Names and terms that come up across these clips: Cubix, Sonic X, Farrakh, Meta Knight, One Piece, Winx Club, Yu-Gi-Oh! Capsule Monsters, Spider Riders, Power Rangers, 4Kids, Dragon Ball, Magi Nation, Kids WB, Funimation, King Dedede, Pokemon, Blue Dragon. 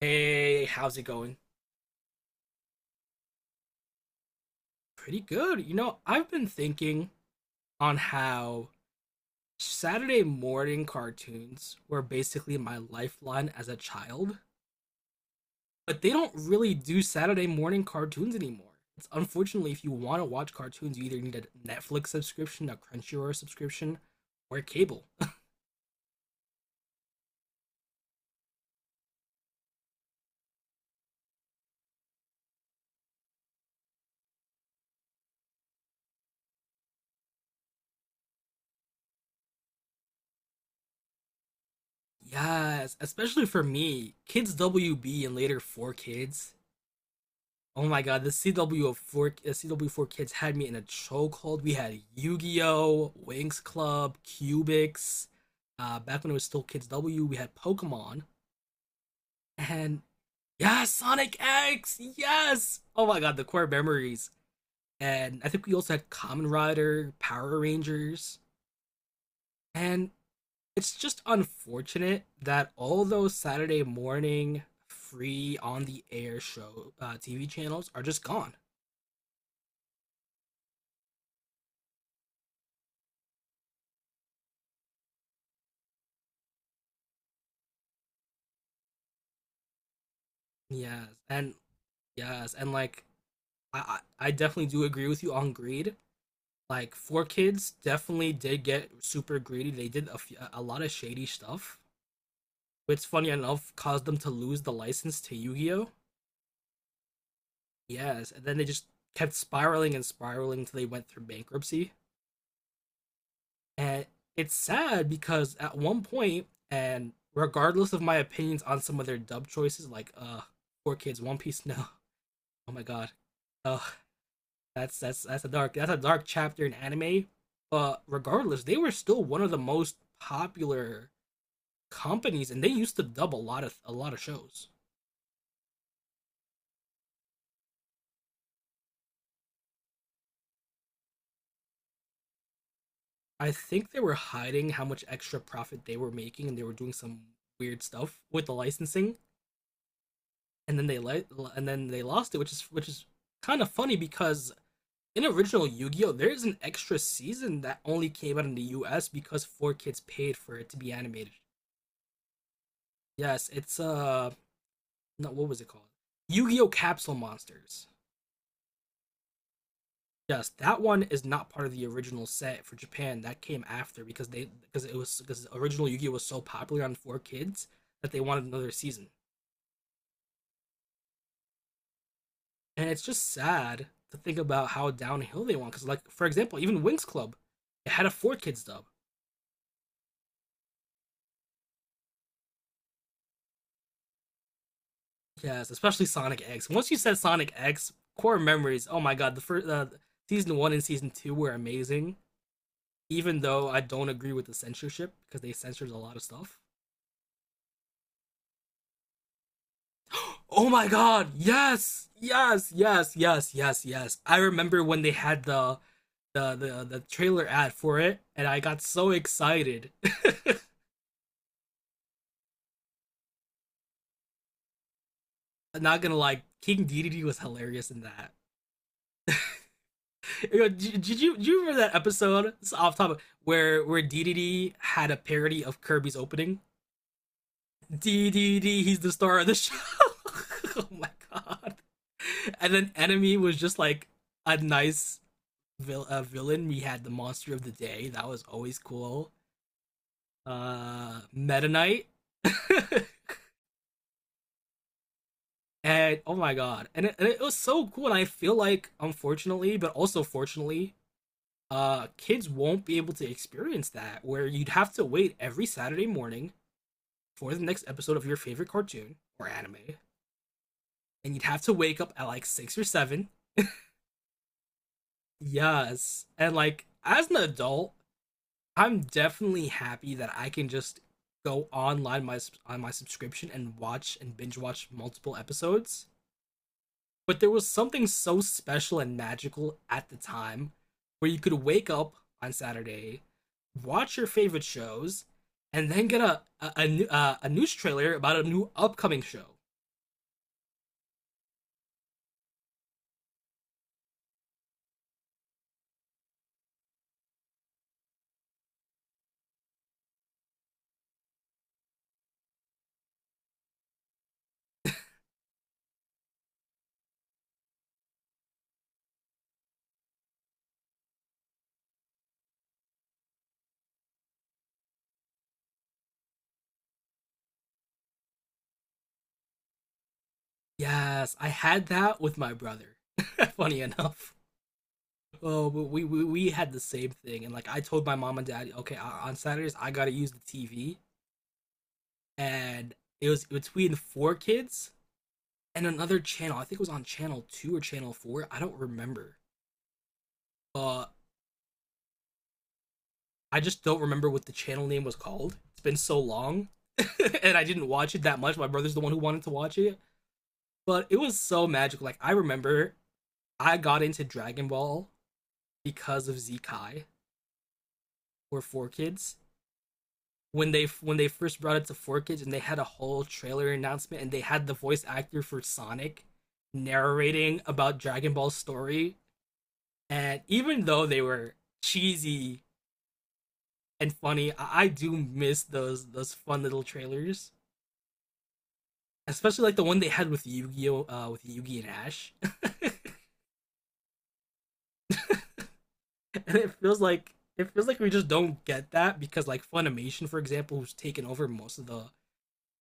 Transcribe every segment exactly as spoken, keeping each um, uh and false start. Hey, how's it going? Pretty good. You know, I've been thinking on how Saturday morning cartoons were basically my lifeline as a child, but they don't really do Saturday morning cartoons anymore. It's unfortunately, if you want to watch cartoons, you either need a Netflix subscription, a Crunchyroll subscription, or cable. Yes, especially for me, Kids W B and later four kids. Oh my god, the C W of four, the C W four kids had me in a chokehold. We had Yu-Gi-Oh, Winx Club, Cubix. Uh, back when it was still Kids W, we had Pokemon, and yeah, Sonic X. Yes. Oh my god, the core memories. And I think we also had Common Rider, Power Rangers, and it's just unfortunate that all those Saturday morning free on the air show uh, T V channels are just gone. Yes, and Yes, and like I I definitely do agree with you on greed. Like four kids definitely did get super greedy. They did a, few, a lot of shady stuff, which funny enough caused them to lose the license to Yu-Gi-Oh. Yes, and then they just kept spiraling and spiraling until they went through bankruptcy. And it's sad because at one point, and regardless of my opinions on some of their dub choices, like uh, four kids, One Piece, no, oh my god, uh, That's that's that's a dark that's a dark chapter in anime. But regardless, they were still one of the most popular companies, and they used to dub a lot of a lot of shows. I think they were hiding how much extra profit they were making, and they were doing some weird stuff with the licensing. And then they let and then they lost it, which is which is kind of funny because in original Yu-Gi-Oh, there's an extra season that only came out in the U S because four kids paid for it to be animated. Yes, it's uh no, what was it called? Yu-Gi-Oh! Capsule Monsters. Yes, that one is not part of the original set for Japan. That came after because they because it was because the original Yu-Gi-Oh was so popular on Four Kids that they wanted another season. And it's just sad to think about how downhill they went. Because like for example, even Winx Club, it had a Four Kids dub. Yes, especially Sonic X. Once you said Sonic X, core memories. Oh my god, the first uh, season one and season two were amazing. Even though I don't agree with the censorship because they censored a lot of stuff. Oh my god, yes, yes, yes, yes, yes, yes. I remember when they had the the the, the trailer ad for it, and I got so excited. I'm not gonna lie, King Dedede was hilarious in that. Did You Did, you do you remember that episode? It's off topic, where where Dedede had a parody of Kirby's opening. Dedede, he's the star of the show. Oh my god! And then Enemy was just like a nice vil- uh, villain. We had the monster of the day. That was always cool. Uh, Meta Knight. and Oh my god. And it, and it was so cool. And I feel like, unfortunately, but also fortunately, uh, kids won't be able to experience that, where you'd have to wait every Saturday morning for the next episode of your favorite cartoon or anime. And you'd have to wake up at like six or seven. Yes. And like, as an adult, I'm definitely happy that I can just go online my on my subscription and watch and binge watch multiple episodes. But there was something so special and magical at the time where you could wake up on Saturday, watch your favorite shows, and then get a a, a, uh, a news trailer about a new upcoming show. Yes, I had that with my brother. Funny enough. Oh, but we, we we had the same thing, and like I told my mom and dad, okay, on Saturdays I gotta use the T V, and it was between four kids and another channel. I think it was on channel two or channel four. I don't remember. Uh, I just don't remember what the channel name was called. It's been so long, and I didn't watch it that much. My brother's the one who wanted to watch it, but it was so magical. Like I remember, I got into Dragon Ball because of Zekai or Four Kids, when they when they first brought it to Four Kids, and they had a whole trailer announcement and they had the voice actor for Sonic narrating about Dragon Ball's story. And even though they were cheesy and funny, I, I do miss those those fun little trailers, especially like the one they had with Yu-Gi-Oh, uh, with Yu-Gi and Ash. and it feels like It feels like we just don't get that because like Funimation, for example, who's taken over most of the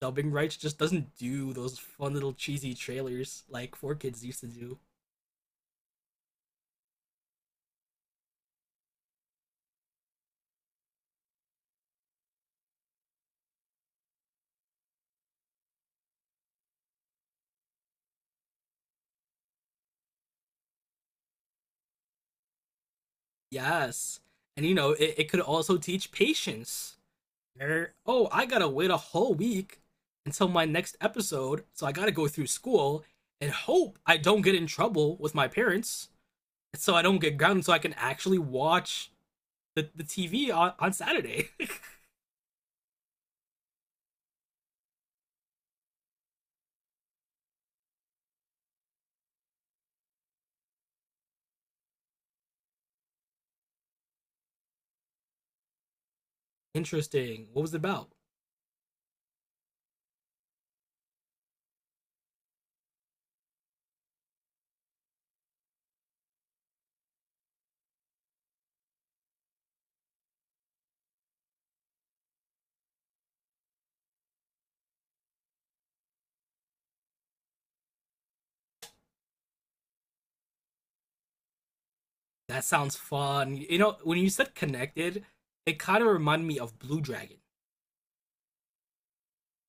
dubbing rights, just doesn't do those fun little cheesy trailers like Four Kids used to do. Yes, and you know, it, it could also teach patience. Er, Oh, I gotta wait a whole week until my next episode, so I gotta go through school and hope I don't get in trouble with my parents, so I don't get grounded, so I can actually watch the, the T V on, on Saturday. Interesting. What was it about? That sounds fun. You know, when you said connected, it kind of reminded me of Blue Dragon.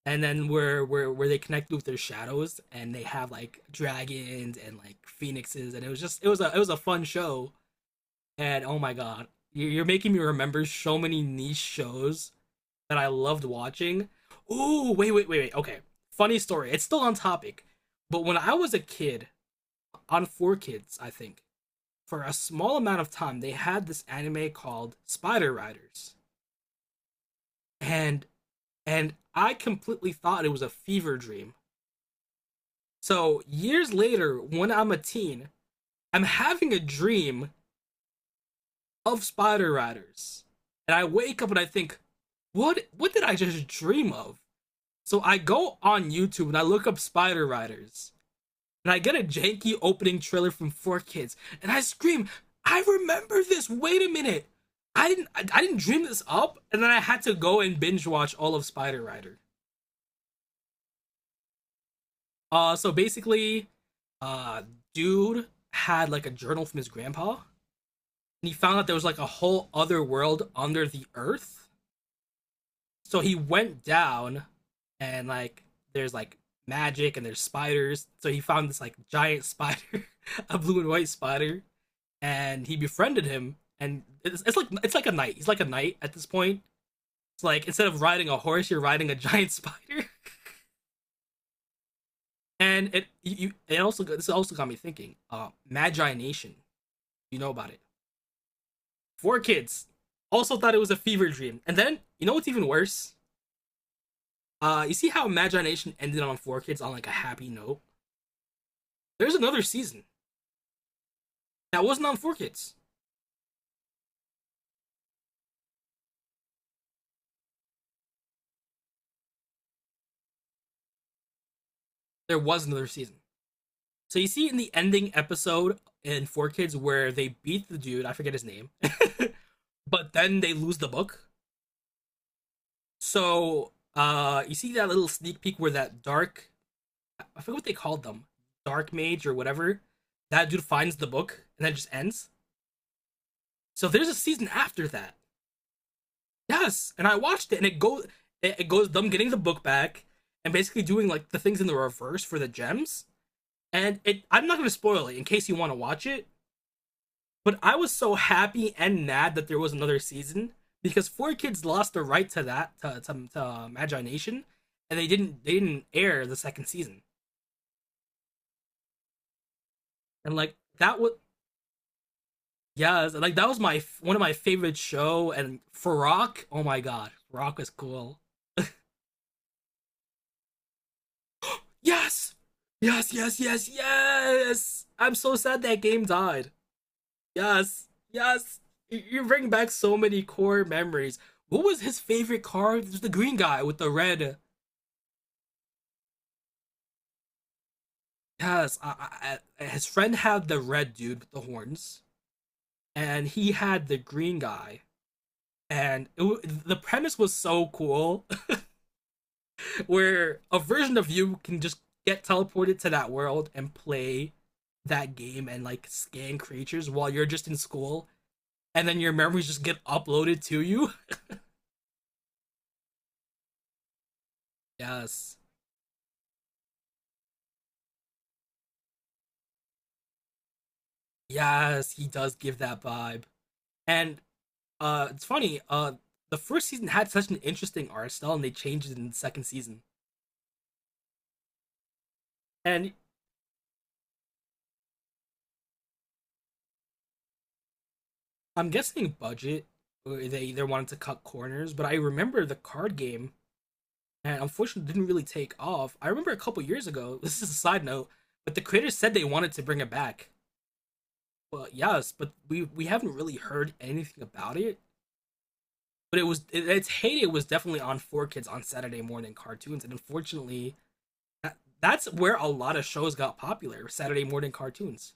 And then where where where they connect with their shadows, and they have like dragons and like phoenixes, and it was just it was a it was a fun show. And oh my god, you- are making me remember so many niche shows that I loved watching. Ooh, wait, wait, wait, wait. Okay, funny story. It's still on topic, but when I was a kid on Four Kids, I think for a small amount of time they had this anime called Spider Riders, and and I completely thought it was a fever dream. So years later, when I'm a teen, I'm having a dream of Spider Riders. And I wake up and I think, what what did I just dream of? So I go on YouTube and I look up Spider Riders. And I get a janky opening trailer from four kids. And I scream, I remember this. Wait a minute. I didn't I, I didn't dream this up. And then I had to go and binge watch all of Spider Rider. Uh so basically, uh dude had like a journal from his grandpa. And he found out there was like a whole other world under the earth. So he went down, and like there's like magic and there's spiders. So he found this like giant spider, a blue and white spider, and he befriended him. And it's, it's like it's like a knight. He's like a knight at this point. It's like instead of riding a horse, you're riding a giant spider. And it you it also this also got me thinking. Uh, Magi Nation, you know about it? Four kids also thought it was a fever dream. And then you know what's even worse? Uh, you see how Magi Nation ended on Four Kids on like a happy note. There's another season that wasn't on Four Kids. There was another season. So you see in the ending episode in Four Kids where they beat the dude, I forget his name, but then they lose the book. So uh, you see that little sneak peek where that dark, I forget what they called them, dark mage or whatever, that dude finds the book and then just ends. So there's a season after that. Yes, and I watched it, and it goes, it, it goes them getting the book back and basically doing like the things in the reverse for the gems, and it, I'm not gonna spoil it in case you want to watch it. But I was so happy and mad that there was another season because Four Kids lost the right to that, to to, to uh, Magi Nation, and they didn't they didn't air the second season. And like that was, yeah, like that was my one of my favorite show. And Farrakh, oh my god, Farrakh is cool. Yes, yes, yes, yes, yes. I'm so sad that game died. Yes, yes. You- You bring back so many core memories. What was his favorite car? It was the green guy with the red. Yes, I, I, I- his friend had the red dude with the horns, and he had the green guy. And it, wa- the premise was so cool, where a version of you can just get teleported to that world and play that game and like scan creatures while you're just in school, and then your memories just get uploaded to you. Yes. Yes, he does give that vibe. And uh it's funny, uh the first season had such an interesting art style and they changed it in the second season. And I'm guessing budget or they either wanted to cut corners, but I remember the card game and unfortunately didn't really take off. I remember a couple years ago, this is a side note, but the creators said they wanted to bring it back. Well, yes, but we we haven't really heard anything about it. But it was, its heyday was definitely on four kids on Saturday morning cartoons, and unfortunately, That, that's where a lot of shows got popular. Saturday morning cartoons.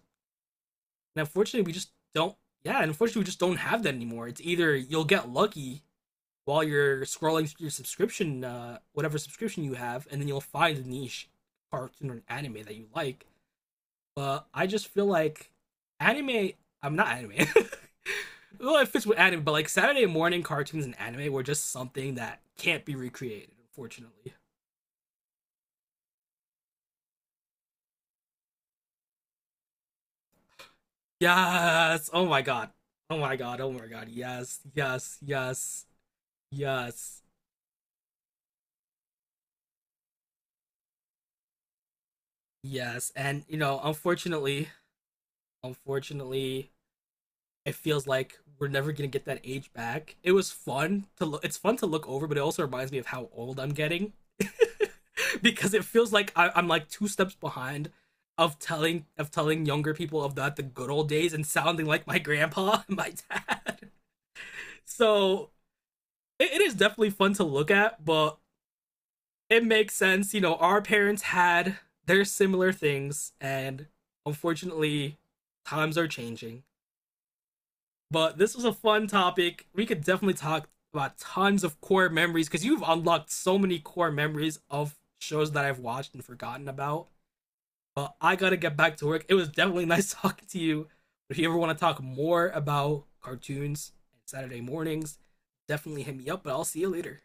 And unfortunately, we just don't. Yeah, unfortunately, we just don't have that anymore. It's either you'll get lucky while you're scrolling through your subscription, uh, whatever subscription you have, and then you'll find a niche cartoon or anime that you like. But I just feel like anime. I'm not anime. Well, it fits with anime, but like Saturday morning cartoons and anime were just something that can't be recreated, unfortunately. Yes. Oh my god. Oh my god. Oh my god. Yes. Yes. Yes. Yes. Yes. And you know, unfortunately, unfortunately, it feels like we're never gonna get that age back. It was fun to look. It's fun to look over, but it also reminds me of how old I'm getting, because it feels like I- I'm like two steps behind of telling of telling younger people of that the good old days and sounding like my grandpa and my dad. So it, it is definitely fun to look at, but it makes sense. You know, our parents had their similar things, and unfortunately, times are changing. But this was a fun topic. We could definitely talk about tons of core memories because you've unlocked so many core memories of shows that I've watched and forgotten about. But I gotta get back to work. It was definitely nice talking to you. If you ever want to talk more about cartoons and Saturday mornings, definitely hit me up. But I'll see you later.